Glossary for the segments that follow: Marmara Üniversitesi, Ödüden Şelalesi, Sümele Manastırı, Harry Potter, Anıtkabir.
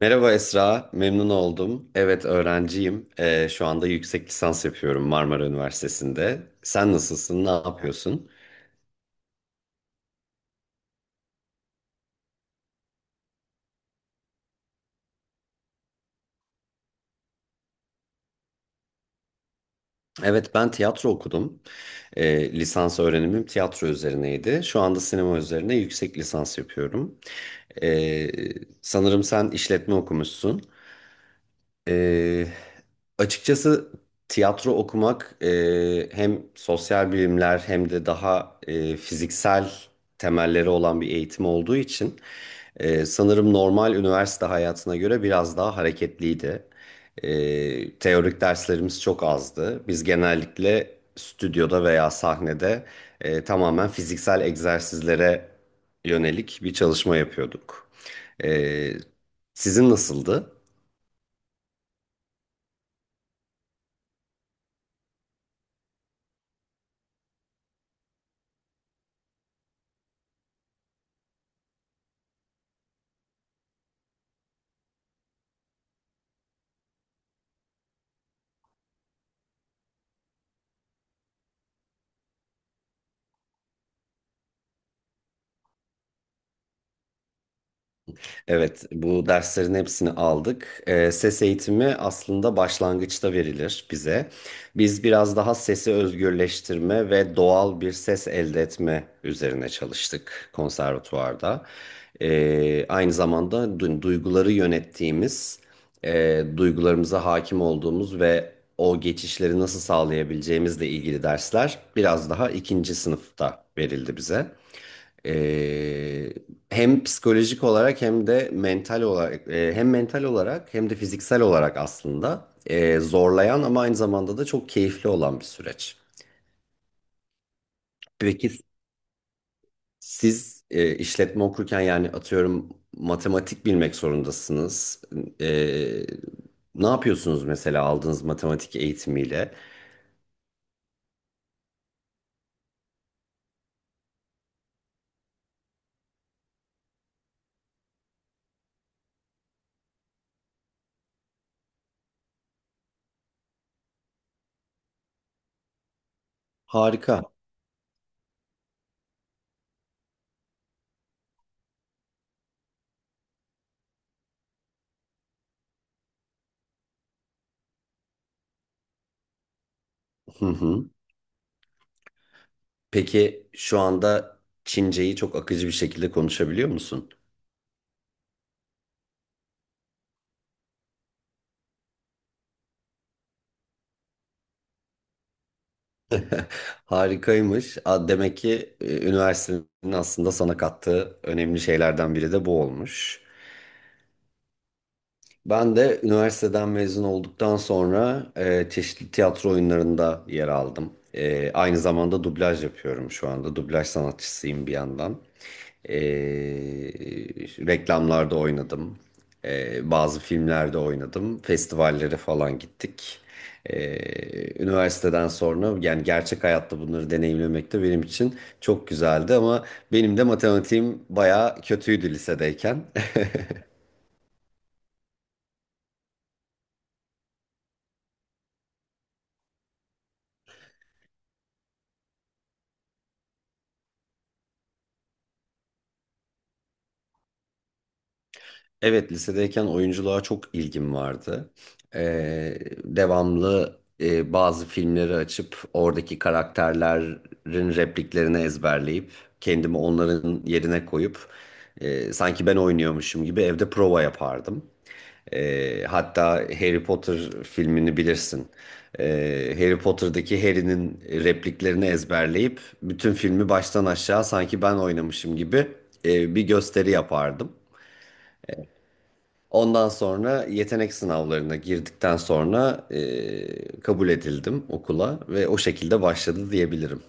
Merhaba Esra, memnun oldum. Evet öğrenciyim. Şu anda yüksek lisans yapıyorum Marmara Üniversitesi'nde. Sen nasılsın, ne yapıyorsun? Evet ben tiyatro okudum. Lisans öğrenimim tiyatro üzerineydi. Şu anda sinema üzerine yüksek lisans yapıyorum. Ee, Sanırım sen işletme okumuşsun. Ee, Açıkçası tiyatro okumak hem sosyal bilimler hem de daha fiziksel temelleri olan bir eğitim olduğu için sanırım normal üniversite hayatına göre biraz daha hareketliydi. Teorik derslerimiz çok azdı. Biz genellikle stüdyoda veya sahnede tamamen fiziksel egzersizlere yönelik bir çalışma yapıyorduk. E, Sizin nasıldı? Evet, bu derslerin hepsini aldık. Ses eğitimi aslında başlangıçta verilir bize. Biz biraz daha sesi özgürleştirme ve doğal bir ses elde etme üzerine çalıştık konservatuvarda. Aynı zamanda duyguları yönettiğimiz, duygularımıza hakim olduğumuz ve o geçişleri nasıl sağlayabileceğimizle ilgili dersler biraz daha ikinci sınıfta verildi bize. Ee, Hem psikolojik olarak hem de mental olarak hem de fiziksel olarak aslında zorlayan ama aynı zamanda da çok keyifli olan bir süreç. Peki siz işletme okurken yani atıyorum matematik bilmek zorundasınız. E, Ne yapıyorsunuz mesela aldığınız matematik eğitimiyle? Harika. Hı hı. Peki şu anda Çince'yi çok akıcı bir şekilde konuşabiliyor musun? Harikaymış. A, demek ki üniversitenin aslında sana kattığı önemli şeylerden biri de bu olmuş. Ben de üniversiteden mezun olduktan sonra çeşitli tiyatro oyunlarında yer aldım. Aynı zamanda dublaj yapıyorum şu anda. Dublaj sanatçısıyım bir yandan. E, Reklamlarda oynadım. Bazı filmlerde oynadım. Festivallere falan gittik. E, Üniversiteden sonra yani gerçek hayatta bunları deneyimlemek de benim için çok güzeldi ama benim de matematiğim bayağı kötüydü lisedeyken. Evet, lisedeyken oyunculuğa çok ilgim vardı. Ee, Devamlı bazı filmleri açıp oradaki karakterlerin repliklerini ezberleyip kendimi onların yerine koyup sanki ben oynuyormuşum gibi evde prova yapardım. Hatta Harry Potter filmini bilirsin. Harry Potter'daki Harry'nin repliklerini ezberleyip bütün filmi baştan aşağı sanki ben oynamışım gibi bir gösteri yapardım. Ondan sonra yetenek sınavlarına girdikten sonra kabul edildim okula ve o şekilde başladı diyebilirim.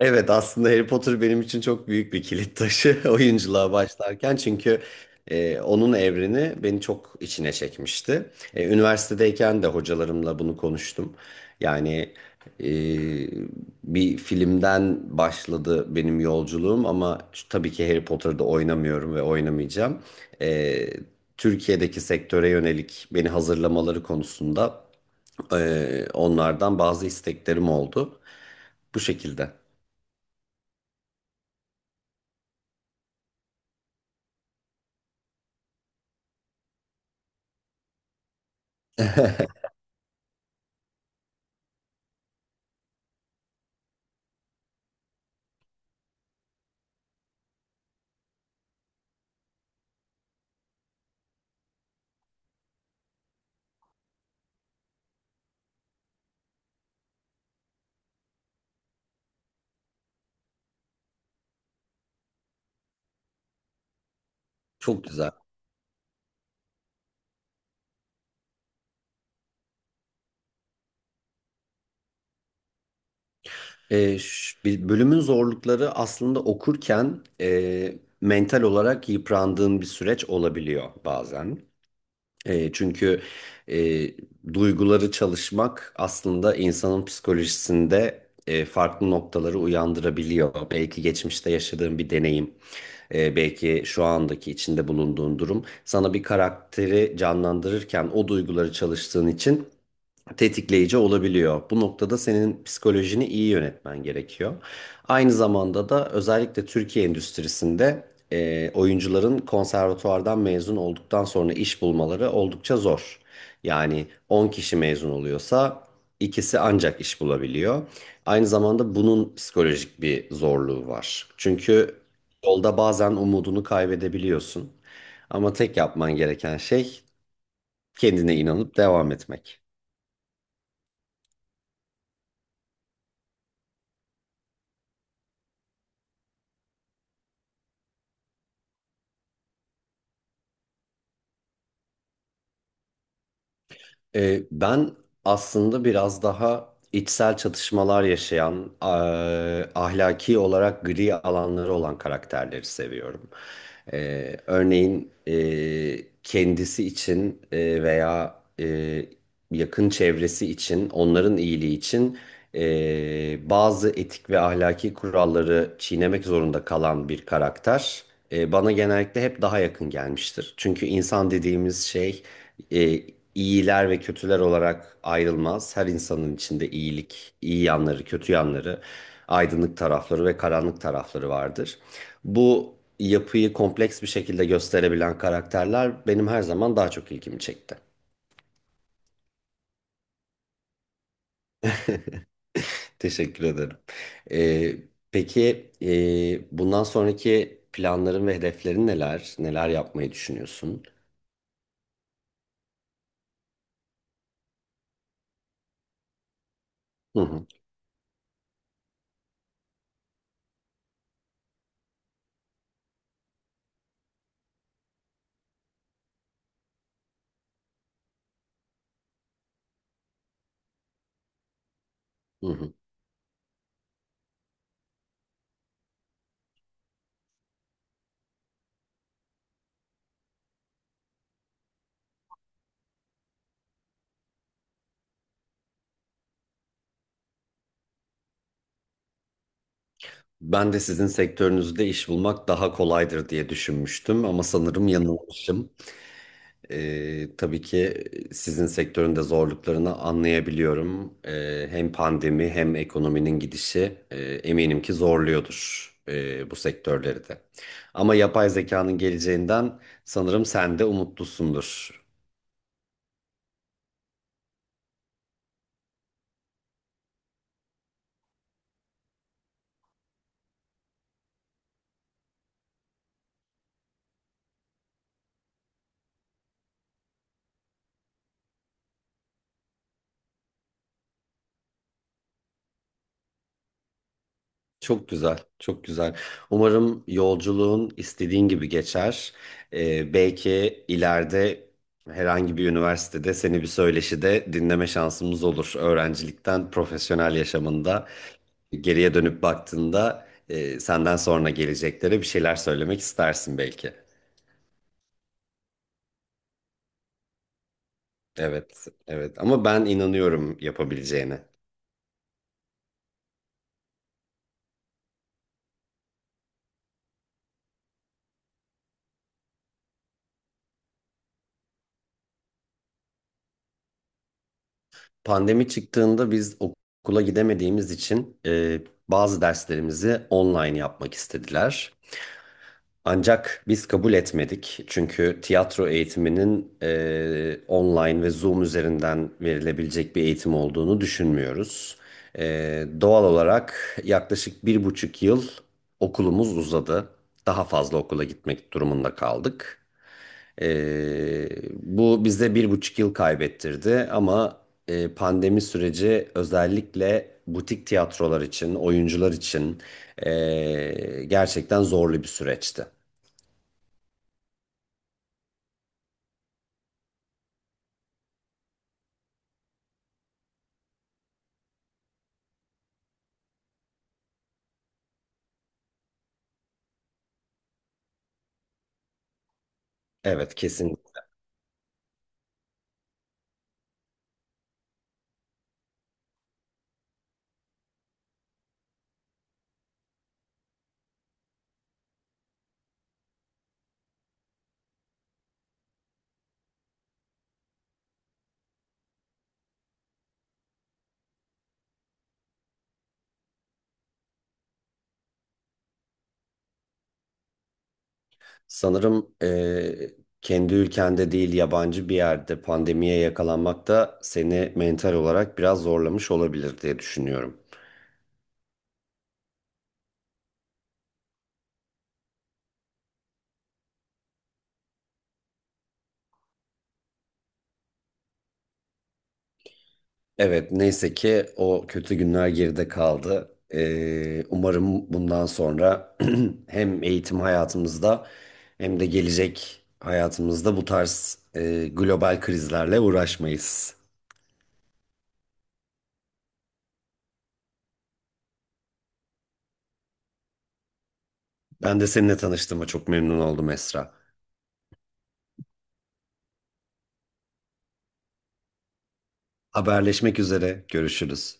Evet, aslında Harry Potter benim için çok büyük bir kilit taşı oyunculuğa başlarken çünkü onun evreni beni çok içine çekmişti. Üniversitedeyken de hocalarımla bunu konuştum. Yani e, bir filmden başladı benim yolculuğum ama tabii ki Harry Potter'da oynamıyorum ve oynamayacağım. E, Türkiye'deki sektöre yönelik beni hazırlamaları konusunda e, onlardan bazı isteklerim oldu. Bu şekilde. Çok güzel. Bir bölümün zorlukları aslında okurken mental olarak yıprandığın bir süreç olabiliyor bazen. Çünkü e, duyguları çalışmak aslında insanın psikolojisinde farklı noktaları uyandırabiliyor. Belki geçmişte yaşadığın bir deneyim, belki şu andaki içinde bulunduğun durum sana bir karakteri canlandırırken o duyguları çalıştığın için tetikleyici olabiliyor. Bu noktada senin psikolojini iyi yönetmen gerekiyor. Aynı zamanda da özellikle Türkiye endüstrisinde oyuncuların konservatuvardan mezun olduktan sonra iş bulmaları oldukça zor. Yani 10 kişi mezun oluyorsa ikisi ancak iş bulabiliyor. Aynı zamanda bunun psikolojik bir zorluğu var. Çünkü yolda bazen umudunu kaybedebiliyorsun. Ama tek yapman gereken şey kendine inanıp devam etmek. Ben aslında biraz daha içsel çatışmalar yaşayan, ahlaki olarak gri alanları olan karakterleri seviyorum. Örneğin kendisi için veya yakın çevresi için, onların iyiliği için bazı etik ve ahlaki kuralları çiğnemek zorunda kalan bir karakter. Bana genellikle hep daha yakın gelmiştir. Çünkü insan dediğimiz şey e, iyiler ve kötüler olarak ayrılmaz. Her insanın içinde iyilik, iyi yanları, kötü yanları, aydınlık tarafları ve karanlık tarafları vardır. Bu yapıyı kompleks bir şekilde gösterebilen karakterler benim her zaman daha çok ilgimi çekti. Teşekkür ederim. E, peki bundan sonraki planların ve hedeflerin neler? Neler yapmayı düşünüyorsun? Hı hı. Hı hı. Ben de sizin sektörünüzde iş bulmak daha kolaydır diye düşünmüştüm ama sanırım yanılmışım. Tabii ki sizin sektörün de zorluklarını anlayabiliyorum. Hem pandemi hem ekonominin gidişi eminim ki zorluyordur bu sektörleri de. Ama yapay zekanın geleceğinden sanırım sen de umutlusundur. Çok güzel, çok güzel. Umarım yolculuğun istediğin gibi geçer. Belki ileride herhangi bir üniversitede seni bir söyleşide dinleme şansımız olur. Öğrencilikten profesyonel yaşamında geriye dönüp baktığında senden sonra geleceklere bir şeyler söylemek istersin belki. Evet, evet. Ama ben inanıyorum yapabileceğine. Pandemi çıktığında biz okula gidemediğimiz için bazı derslerimizi online yapmak istediler. Ancak biz kabul etmedik. Çünkü tiyatro eğitiminin online ve Zoom üzerinden verilebilecek bir eğitim olduğunu düşünmüyoruz. E, Doğal olarak yaklaşık bir buçuk yıl okulumuz uzadı. Daha fazla okula gitmek durumunda kaldık. E, Bu bize bir buçuk yıl kaybettirdi ama pandemi süreci özellikle butik tiyatrolar için, oyuncular için gerçekten zorlu bir süreçti. Evet, kesin. Sanırım kendi ülkende değil yabancı bir yerde pandemiye yakalanmak da seni mental olarak biraz zorlamış olabilir diye düşünüyorum. Evet, neyse ki o kötü günler geride kaldı. Umarım bundan sonra hem eğitim hayatımızda hem de gelecek hayatımızda bu tarz global krizlerle uğraşmayız. Ben de seninle tanıştığıma çok memnun oldum Esra. Haberleşmek üzere, görüşürüz.